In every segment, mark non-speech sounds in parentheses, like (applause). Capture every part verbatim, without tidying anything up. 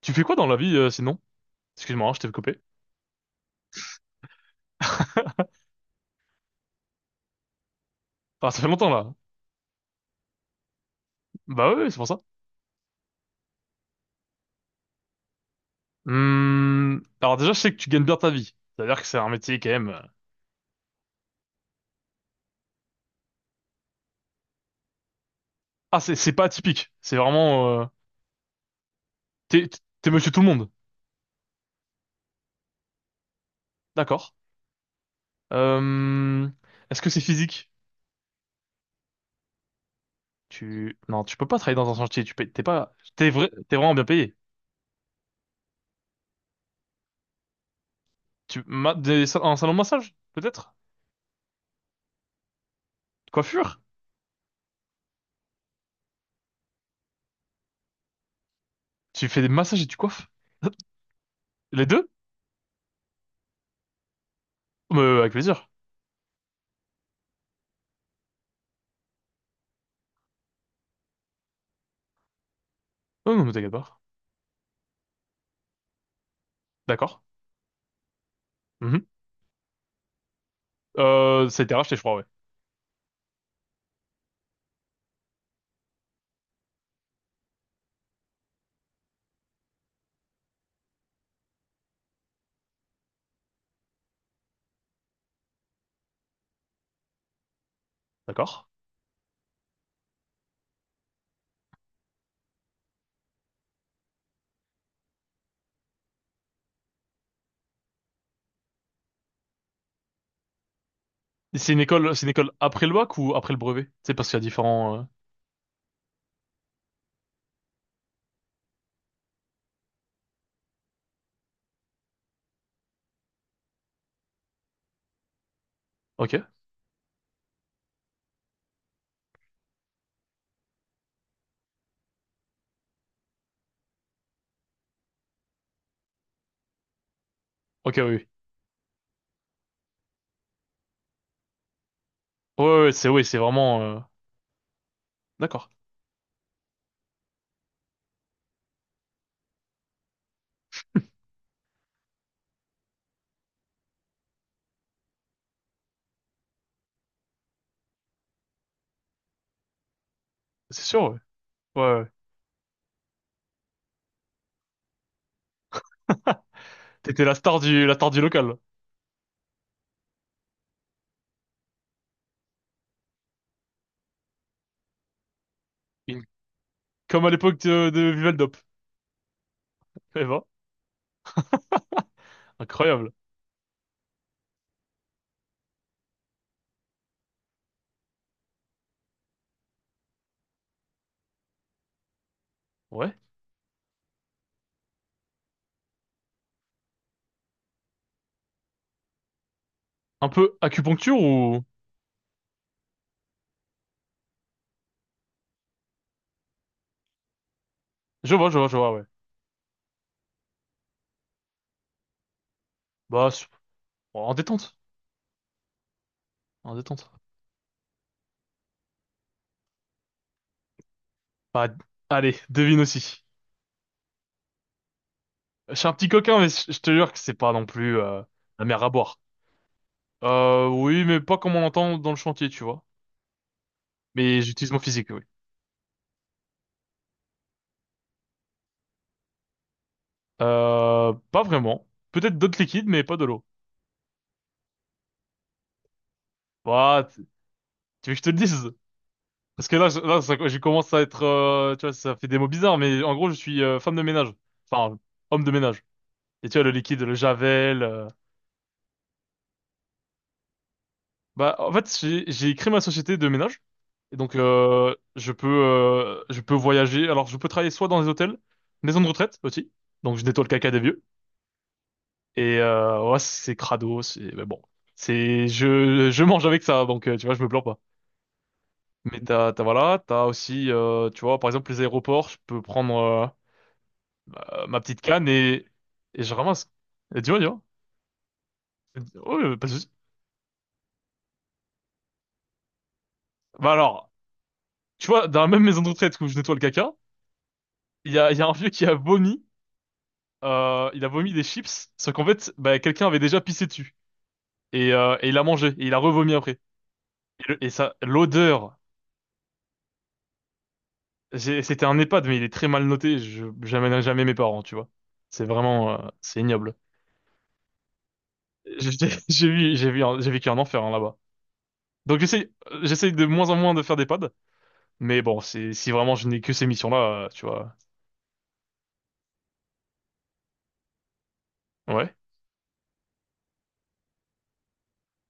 Tu fais quoi dans la vie euh, sinon? Excuse-moi, hein, je t'ai coupé. (laughs) Ah, ça fait longtemps là. Bah oui, c'est pour ça. Hum, alors déjà, je sais que tu gagnes bien ta vie. C'est-à-dire que c'est un métier quand même. euh, Ah, c'est c'est pas atypique. C'est vraiment. euh, T'es t'es monsieur tout le monde. D'accord. Hum, est-ce que c'est physique? Tu non, tu peux pas travailler dans un chantier. Tu payes- t'es pas t'es vrai t'es vraiment bien payé. Tu ma- des sa- Un salon de massage peut-être? Coiffure? Tu fais des massages et tu coiffes? (laughs) Les deux? Euh, avec plaisir. Oh, non, mais t'inquiète pas. D'accord. Mhm. Euh, ça a été racheté, je crois, ouais. D'accord. Et C'est une école, c'est une école après le bac ou après le brevet? C'est parce qu'il y a différents. euh, Ok. Ok, oui. oui. Ouais, ouais, ouais, c'est oui, c'est vraiment. euh, D'accord. C'est sûr, ouais. Ouais. ouais. T'étais la star du, la star du local. Une- Comme à l'époque de, de Viveldop. (laughs) Eh ben, incroyable. Ouais. Un peu acupuncture ou? Je vois, je vois, je vois, ouais. Bah, c'est- bon, en détente, en détente. Bah, allez, devine aussi. Je suis un petit coquin, mais je je te jure que c'est pas non plus euh, la mer à boire. Euh, oui, mais pas comme on l'entend dans le chantier, tu vois. Mais j'utilise mon physique, oui. Euh, pas vraiment. Peut-être d'autres liquides, mais pas de l'eau. Bah, tu tu veux que je te le dise? Parce que là, je, là, ça- je commence à être, euh, tu vois, ça fait des mots bizarres, mais en gros, je suis euh, femme de ménage. Enfin, homme de ménage. Et tu vois, le liquide, le Javel. euh, Bah, en fait, j'ai, j'ai créé ma société de ménage. Et donc, euh, je peux, euh, je peux voyager. Alors, je peux travailler soit dans des hôtels, maisons de retraite aussi. Donc, je nettoie le caca des vieux. Et euh, ouais, c'est crado, c'est mais bon, c'est je je mange avec ça, donc euh, tu vois, je me plains pas. Mais t'as t'as voilà, t'as aussi euh, tu vois, par exemple les aéroports, je peux prendre euh, euh, ma petite canne et et je ramasse. Et tu vois, tu vois. Ouais, pas de souci. Bah alors, tu vois, dans la même maison de retraite où je nettoie le caca, il y a il y a un vieux qui a vomi, euh, il a vomi des chips, sauf qu'en fait, bah quelqu'un avait déjà pissé dessus et euh, et il a mangé et il a revomi après. Et, le- et ça, l'odeur J'ai- C'était un EHPAD, mais il est très mal noté. Je J'amènerai jamais mes parents, tu vois. C'est vraiment, euh, c'est ignoble. J'ai (laughs) j'ai vu, j'ai vu, un- j'ai vécu un enfer hein, là-bas. Donc j'essaye, euh, j'essaye de moins en moins de faire des pads, mais bon, c'est si vraiment je n'ai que ces missions-là, euh, tu vois. Ouais,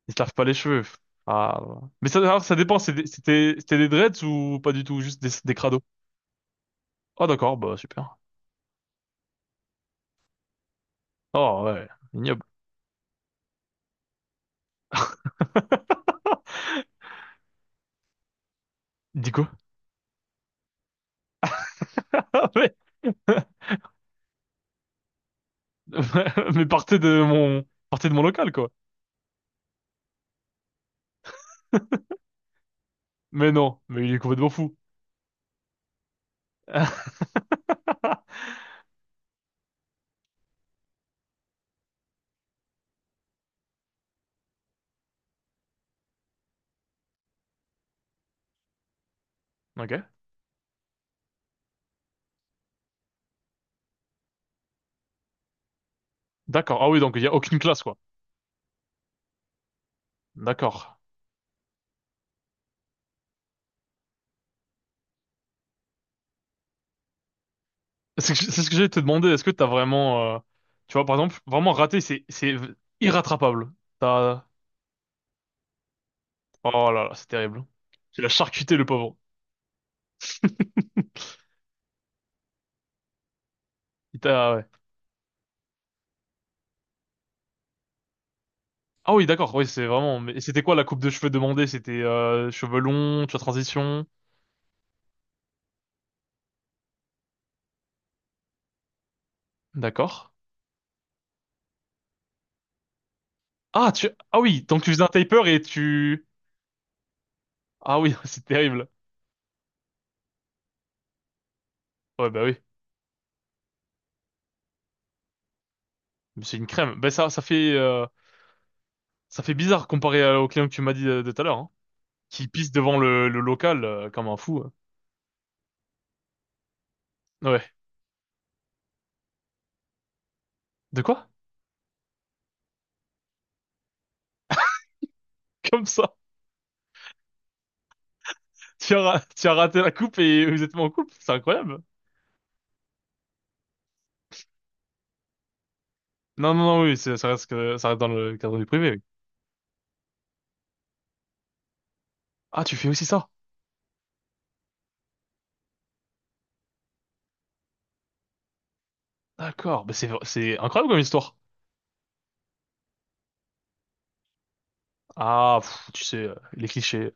ils se lavent pas les cheveux. Ah, voilà, mais ça, alors, ça dépend. c'est des- C'était, c'était des dreads ou pas du tout, juste des, des crados. Ah d'accord, bah super. Oh ouais, ignoble. (laughs) Dis quoi? (laughs) Ah, ouais. (laughs) Mais partez de mon, partez de mon local, quoi. Mais non, mais il est complètement fou. (laughs) Ok. D'accord. Ah oui, donc il n'y a aucune classe, quoi. D'accord. C'est ce que c'est ce que j'allais te demander. Est-ce que t'as vraiment, euh, tu vois, par exemple, vraiment raté, c'est, c'est irrattrapable. T'as, oh là là, c'est terrible. Tu l'as charcuté, le pauvre. Il t'a- ah ouais. Ah oui, d'accord. Oui, c'est vraiment. Mais c'était quoi la coupe de cheveux demandée? C'était euh, cheveux longs, tu as transition. D'accord. Ah tu, ah oui, donc tu faisais un taper et tu, ah oui, (laughs) c'est terrible. Ouais, bah oui. Mais c'est une crème. Ben ça, ça fait, euh, ça fait bizarre comparé à- au client que tu m'as dit euh, de tout à l'heure, hein, qui pisse devant le, le local euh, comme un fou, hein. Ouais. De quoi? (laughs) Comme ça. Tu as, ra- tu as raté la coupe et vous êtes pas en couple, c'est incroyable. Non, non, non, oui, c'est- ça reste, que- ça reste dans le cadre du privé, oui. Ah, tu fais aussi ça? D'accord. Bah, c'est, c'est incroyable comme histoire. Ah, pff, tu sais, euh, les clichés.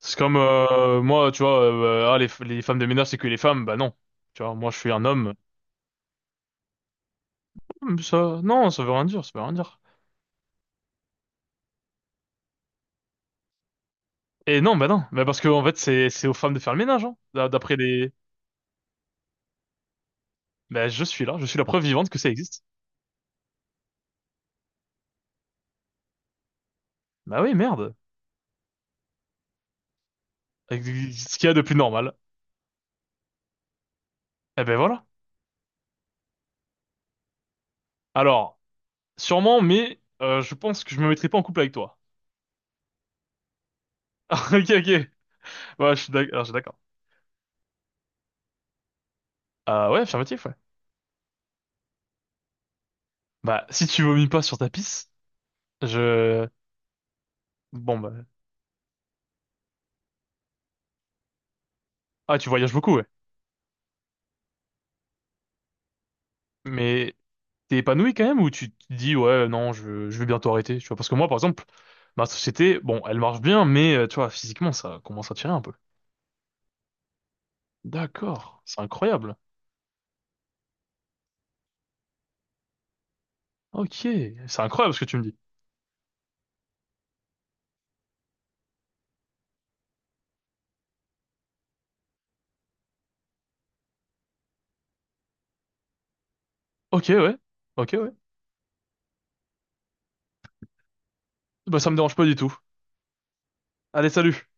C'est comme euh, moi, tu vois, euh, euh, ah, les, les femmes de ménage, c'est que les femmes. Bah non. Tu vois, moi, je suis un homme. Hum, Ça, non, ça veut rien dire, ça veut rien dire. Et non, bah non, bah parce que en fait c'est c'est aux femmes de faire le ménage, hein. D'a- D'après les, bah je suis là, je suis la preuve vivante que ça existe. Bah oui, merde. Ce qu'il y a de plus normal. Eh ben voilà. Alors, sûrement, mais euh, je pense que je me mettrai pas en couple avec toi. (laughs) Ah, ok, ok. Ouais, je suis d'ac- alors, je suis d'accord. Ah ouais, affirmatif, ouais. Bah si tu vomis pas sur ta pisse, je, bon bah, ah tu voyages beaucoup, ouais. Mais t'es épanoui quand même ou tu te dis ouais non je, je vais bientôt arrêter tu vois parce que moi par exemple ma société bon elle marche bien mais euh, tu vois physiquement ça commence à tirer un peu d'accord c'est incroyable ok c'est incroyable ce que tu me dis ok ouais ok ouais bah ça me dérange pas du tout allez salut